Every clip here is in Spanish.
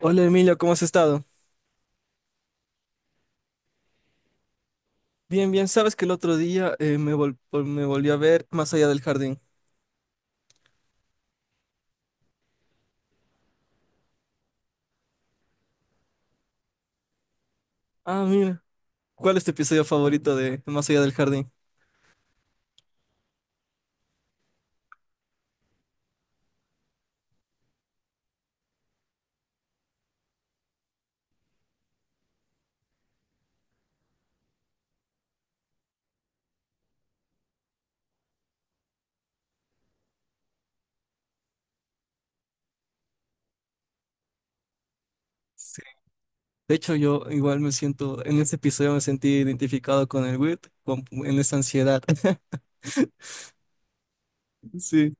Hola Emilio, ¿cómo has estado? Bien, bien, sabes que el otro día me volví a ver Más allá del jardín. Ah, mira, ¿cuál es tu episodio favorito de Más allá del jardín? Sí. De hecho, yo igual me siento, en ese episodio me sentí identificado con el Wirt, en esa ansiedad. Sí,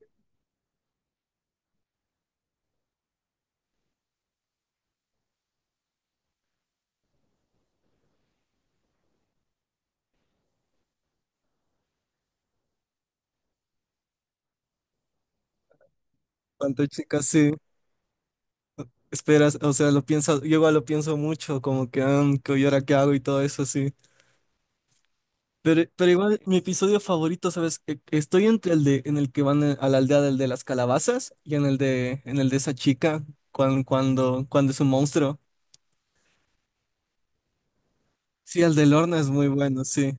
cuando chicas, sí, esperas, o sea, lo piensas, yo igual lo pienso mucho, como que, ah, ¿y ahora qué hago y todo eso, sí. Pero igual, mi episodio favorito, ¿sabes? Estoy entre el de en el que van a la aldea del de las calabazas y en el de esa chica cuando cuando es un monstruo. Sí, el de Lorna es muy bueno, sí.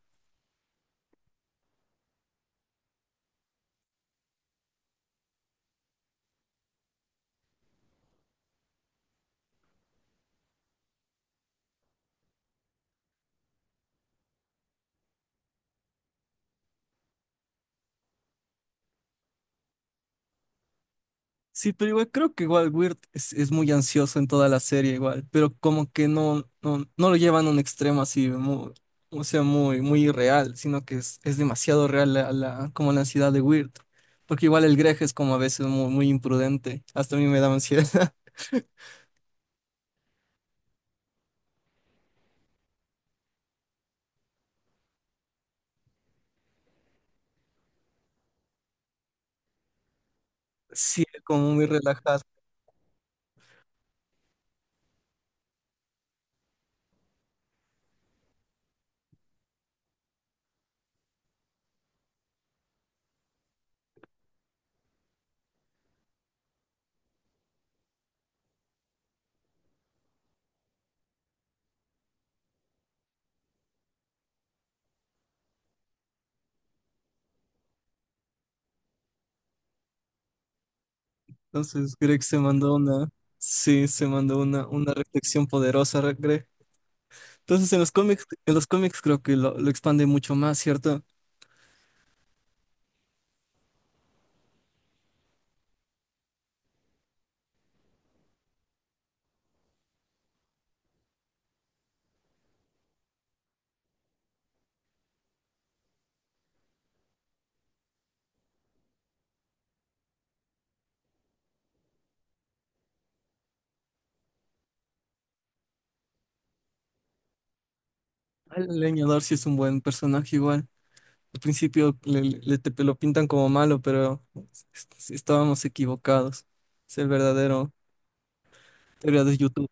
Sí, pero igual creo que igual Weird es muy ansioso en toda la serie igual, pero como que no lo llevan a un extremo así muy, o sea, muy muy irreal, sino que es demasiado real como la ansiedad de Weird, porque igual el Greg es como a veces muy muy imprudente, hasta a mí me da ansiedad. Sí, como muy relajado. Entonces Greg se mandó una, sí, se mandó una reflexión poderosa, Greg. Entonces en los cómics creo que lo expande mucho más, ¿cierto? El leñador sí es un buen personaje igual. Al principio lo pintan como malo, pero estábamos equivocados. Es el verdadero héroe de YouTube.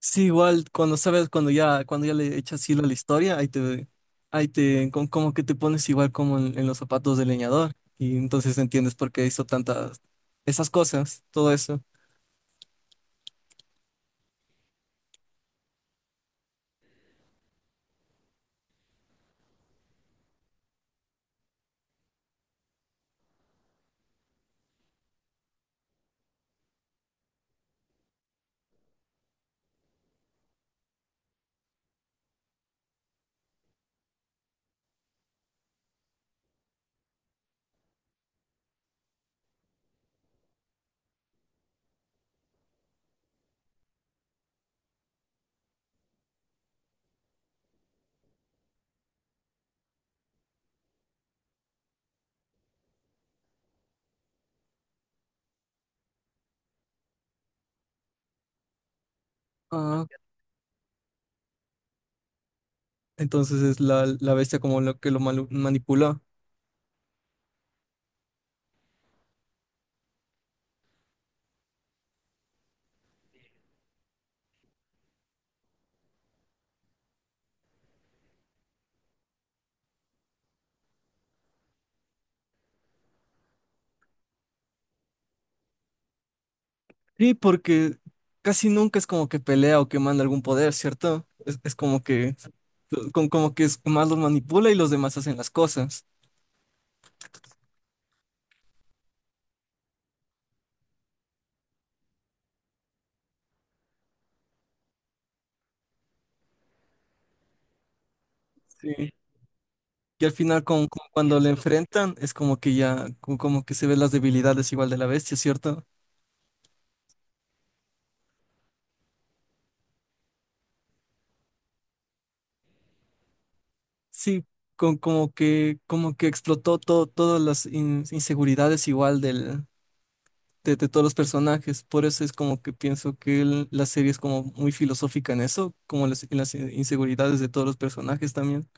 Sí, igual cuando sabes, cuando ya le echas hilo a la historia, ahí te, como que te pones igual como en los zapatos del leñador y entonces entiendes por qué hizo tantas, esas cosas, todo eso. Ah, entonces es la bestia como lo que lo manipuló. Sí, porque casi nunca es como que pelea o que manda algún poder, ¿cierto? Es como que, como que es más los manipula y los demás hacen las cosas. Sí. Y al final, cuando le enfrentan, es como que ya, como que se ven las debilidades igual de la bestia, ¿cierto? Sí, con, como que explotó todo, todas las inseguridades igual del, de todos los personajes. Por eso es como que pienso que la serie es como muy filosófica en eso, como las, en las inseguridades de todos los personajes también.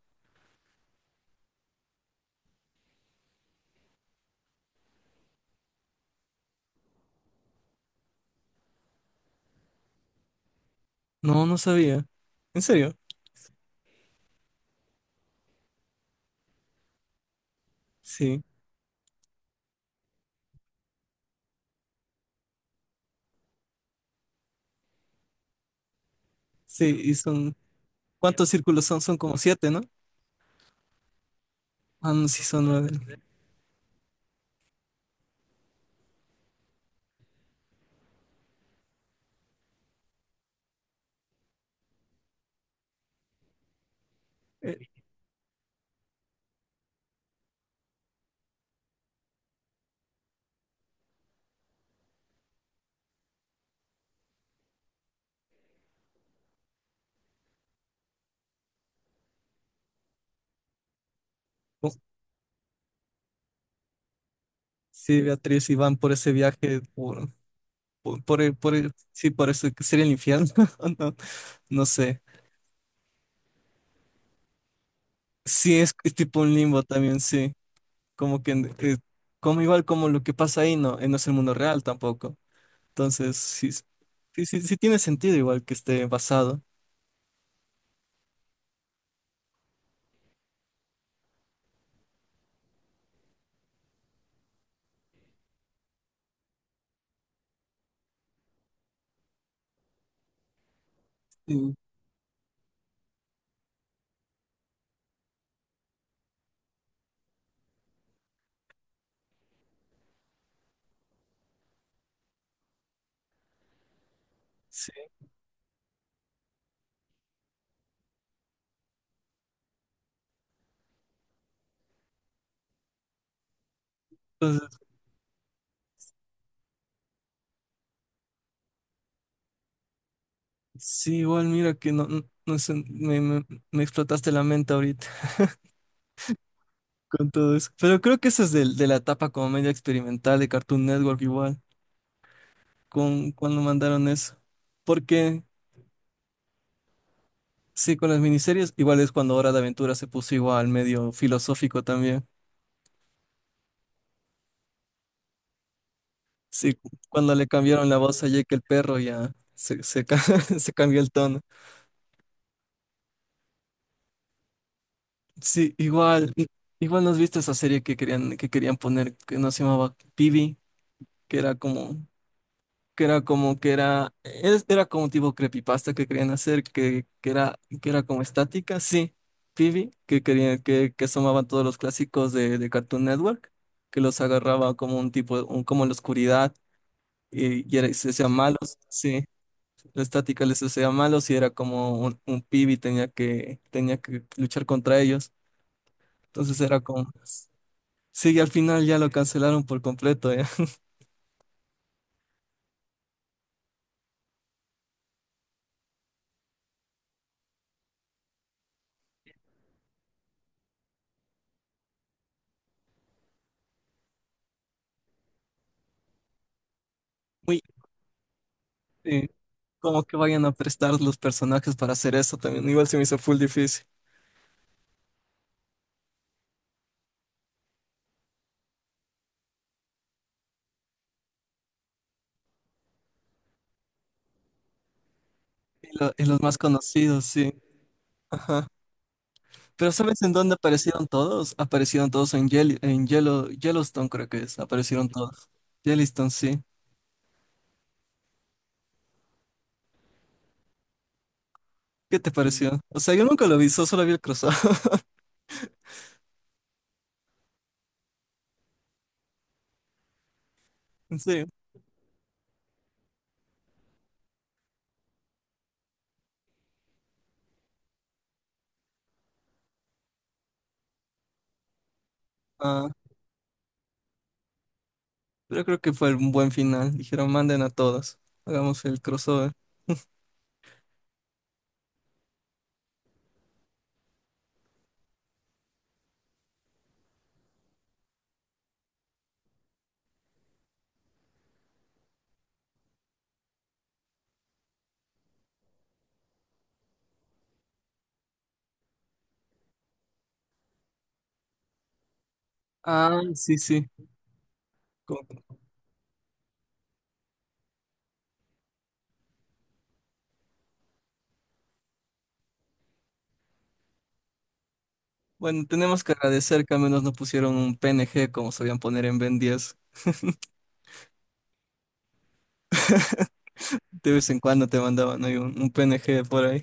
No, no sabía. ¿En serio? Sí, sí, y son, ¿cuántos círculos son? Son como 7, ¿no? Ah, no, sí, son 9. Eh, Sí, Beatriz, y van por ese viaje, sí, por eso que sería el infierno, no, no sé. Sí, es tipo un limbo también, sí. Como que, como igual como lo que pasa ahí, no, no es el mundo real tampoco. Entonces, sí, sí, sí, sí tiene sentido igual que esté basado. Sí, sí, entonces, sí, igual mira que no, no, no sé, me explotaste la mente ahorita con todo eso. Pero creo que eso es de la etapa como media experimental de Cartoon Network igual. Con cuando mandaron eso. Porque sí, con las miniseries, igual es cuando Hora de Aventura se puso igual medio filosófico también. Sí, cuando le cambiaron la voz a Jake el perro ya se, se cambió el tono. Sí, igual nos viste esa serie que querían poner, que no se llamaba Pibi, que era como que era como que era, era como un tipo creepypasta que querían hacer, que era como estática, sí, Phoebe, que querían, que asomaban todos los clásicos de Cartoon Network, que los agarraba como un tipo, como en la oscuridad, y era, se hacían malos, sí, la estática les hacía malos y era como un Phoebe tenía que luchar contra ellos. Entonces era como, sí, y al final ya lo cancelaron por completo, ya. Muy, sí. Como que vayan a prestar los personajes para hacer eso también. Igual se me hizo full difícil. Y, y los más conocidos, sí. Ajá. Pero ¿sabes en dónde aparecieron todos? Aparecieron todos en, Yellowstone, creo que es. Aparecieron todos. Yellowstone, sí. ¿Qué te pareció? O sea, yo nunca lo vi, solo vi el crossover. Sí. Ah, pero creo que fue un buen final. Dijeron, manden a todos. Hagamos el crossover. Ah, sí, sí. Como- Bueno, tenemos que agradecer que al menos no pusieron un PNG como sabían poner en Ben 10. De vez en cuando te mandaban ahí un PNG por ahí.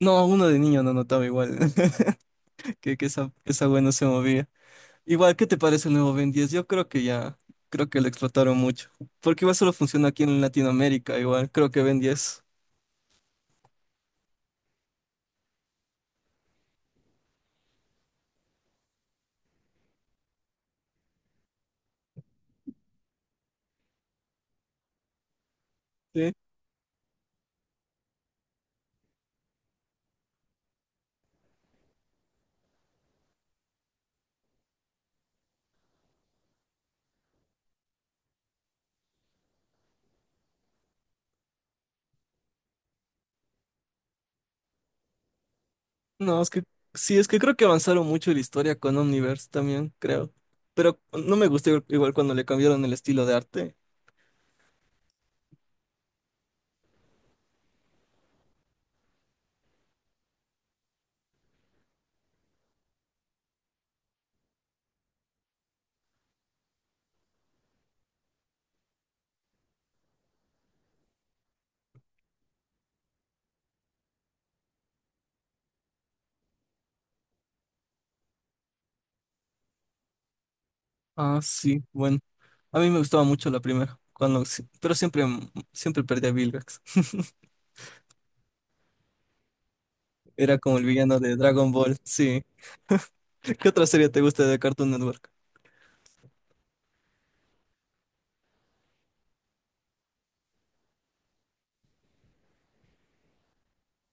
No, uno de niño no notaba igual que esa wea no se movía. Igual, ¿qué te parece el nuevo Ben 10? Yo creo que ya, creo que lo explotaron mucho. Porque igual solo funciona aquí en Latinoamérica, igual, creo que Ben 10. Sí. No, es que sí, es que creo que avanzaron mucho la historia con Omniverse también, creo. Pero no me gustó igual cuando le cambiaron el estilo de arte. Ah, sí, bueno. A mí me gustaba mucho la primera, cuando, sí, pero siempre, siempre perdía a Vilgax. Era como el villano de Dragon Ball, sí. ¿Qué otra serie te gusta de Cartoon Network?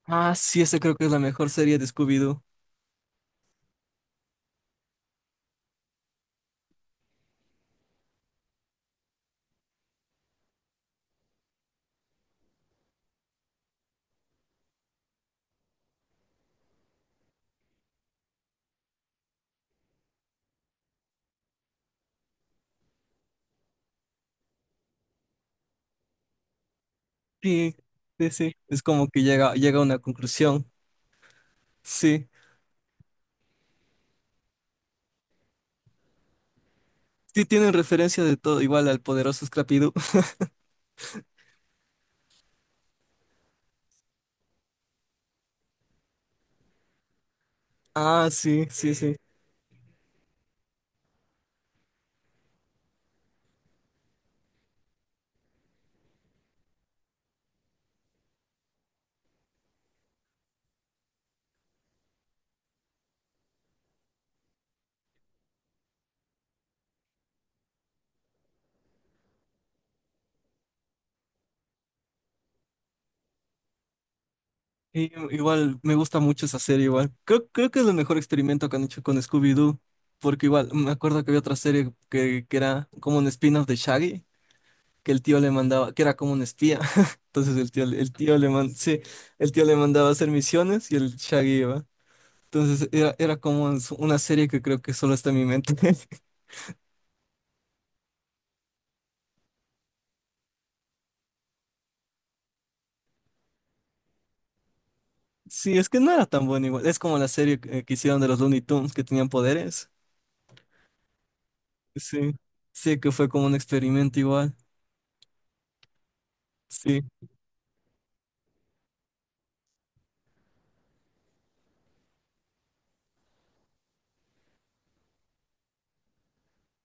Ah, sí, esa creo que es la mejor serie de Scooby-Doo. Sí, sí, sí. Es como que llega, llega a una conclusión. Sí. Sí, tienen referencia de todo, igual al poderoso Scrappy-Doo. Ah, sí, sí, sí. Y, igual, me gusta mucho esa serie, igual. Creo, creo que es el mejor experimento que han hecho con Scooby-Doo. Porque igual, me acuerdo que había otra serie que era como un spin-off de Shaggy, que el tío le mandaba, que era como un espía. Entonces el tío sí, el tío le mandaba a hacer misiones y el Shaggy iba. Entonces era, era como una serie que creo que solo está en mi mente. Sí, es que no era tan buena igual. Es como la serie que hicieron de los Looney Tunes que tenían poderes. Sí, sí, que fue como un experimento igual. Sí,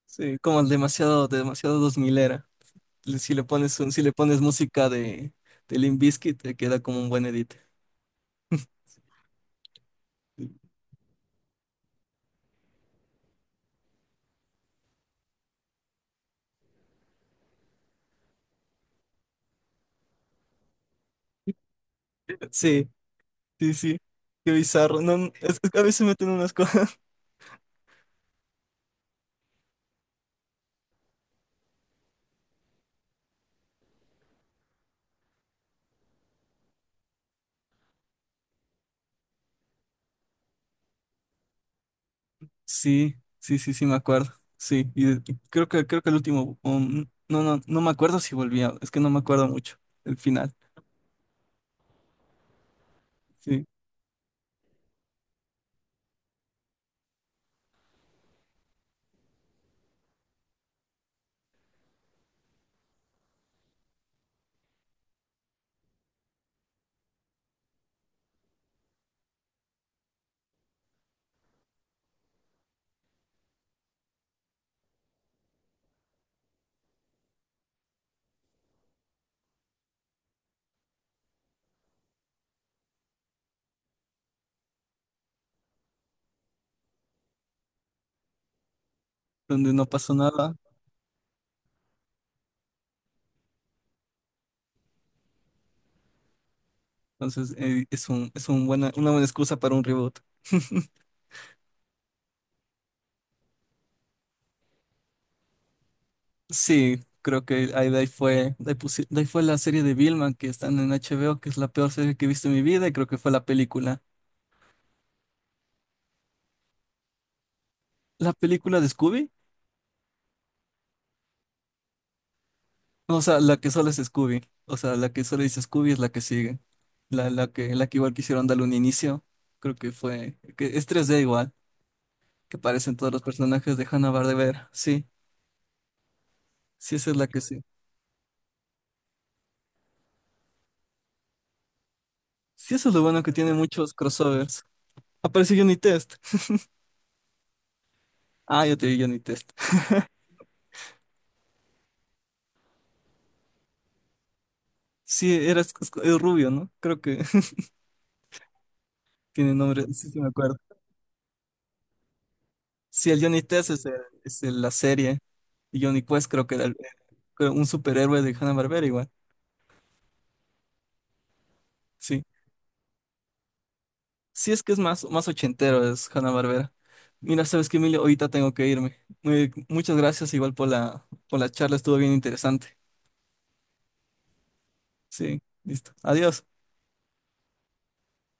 sí, como el demasiado, demasiado dos mil era. Si le pones música de Limp Bizkit, te queda como un buen edit. Sí. Sí, sí, qué bizarro. No, es que a veces meten unas cosas. Sí, sí, sí, sí, me acuerdo. Sí, y creo que el último, no, no, no me acuerdo si volvía, es que no me acuerdo mucho el final, sí, donde no pasó nada. Entonces es un buena, una buena excusa para un reboot. Sí, creo que ahí, de ahí fue la serie de Vilma que están en HBO, que es la peor serie que he visto en mi vida, y creo que fue la película. ¿La película de Scooby? O sea, la que solo es Scooby. O sea, la que solo dice Scooby es la que sigue. La que igual quisieron darle un inicio. Creo que fue. Que es tres d igual. Que aparecen todos los personajes de Hanna-Barbera. Sí, sí, esa es la que sí. Sí, eso es lo bueno que tiene muchos crossovers. Aparece Johnny Test. Ah, yo te vi Johnny Test. Sí, era el rubio, ¿no? Creo que tiene nombre. Sí, sí, me acuerdo. Sí, el Johnny Test es, la serie. Y Johnny Quest creo que era creo un superhéroe de Hanna-Barbera igual. Sí. Sí, es que es más, más ochentero, es Hanna-Barbera. Mira, sabes que Emilio, ahorita tengo que irme. Muchas gracias igual por la charla, estuvo bien interesante. Sí, listo. Adiós.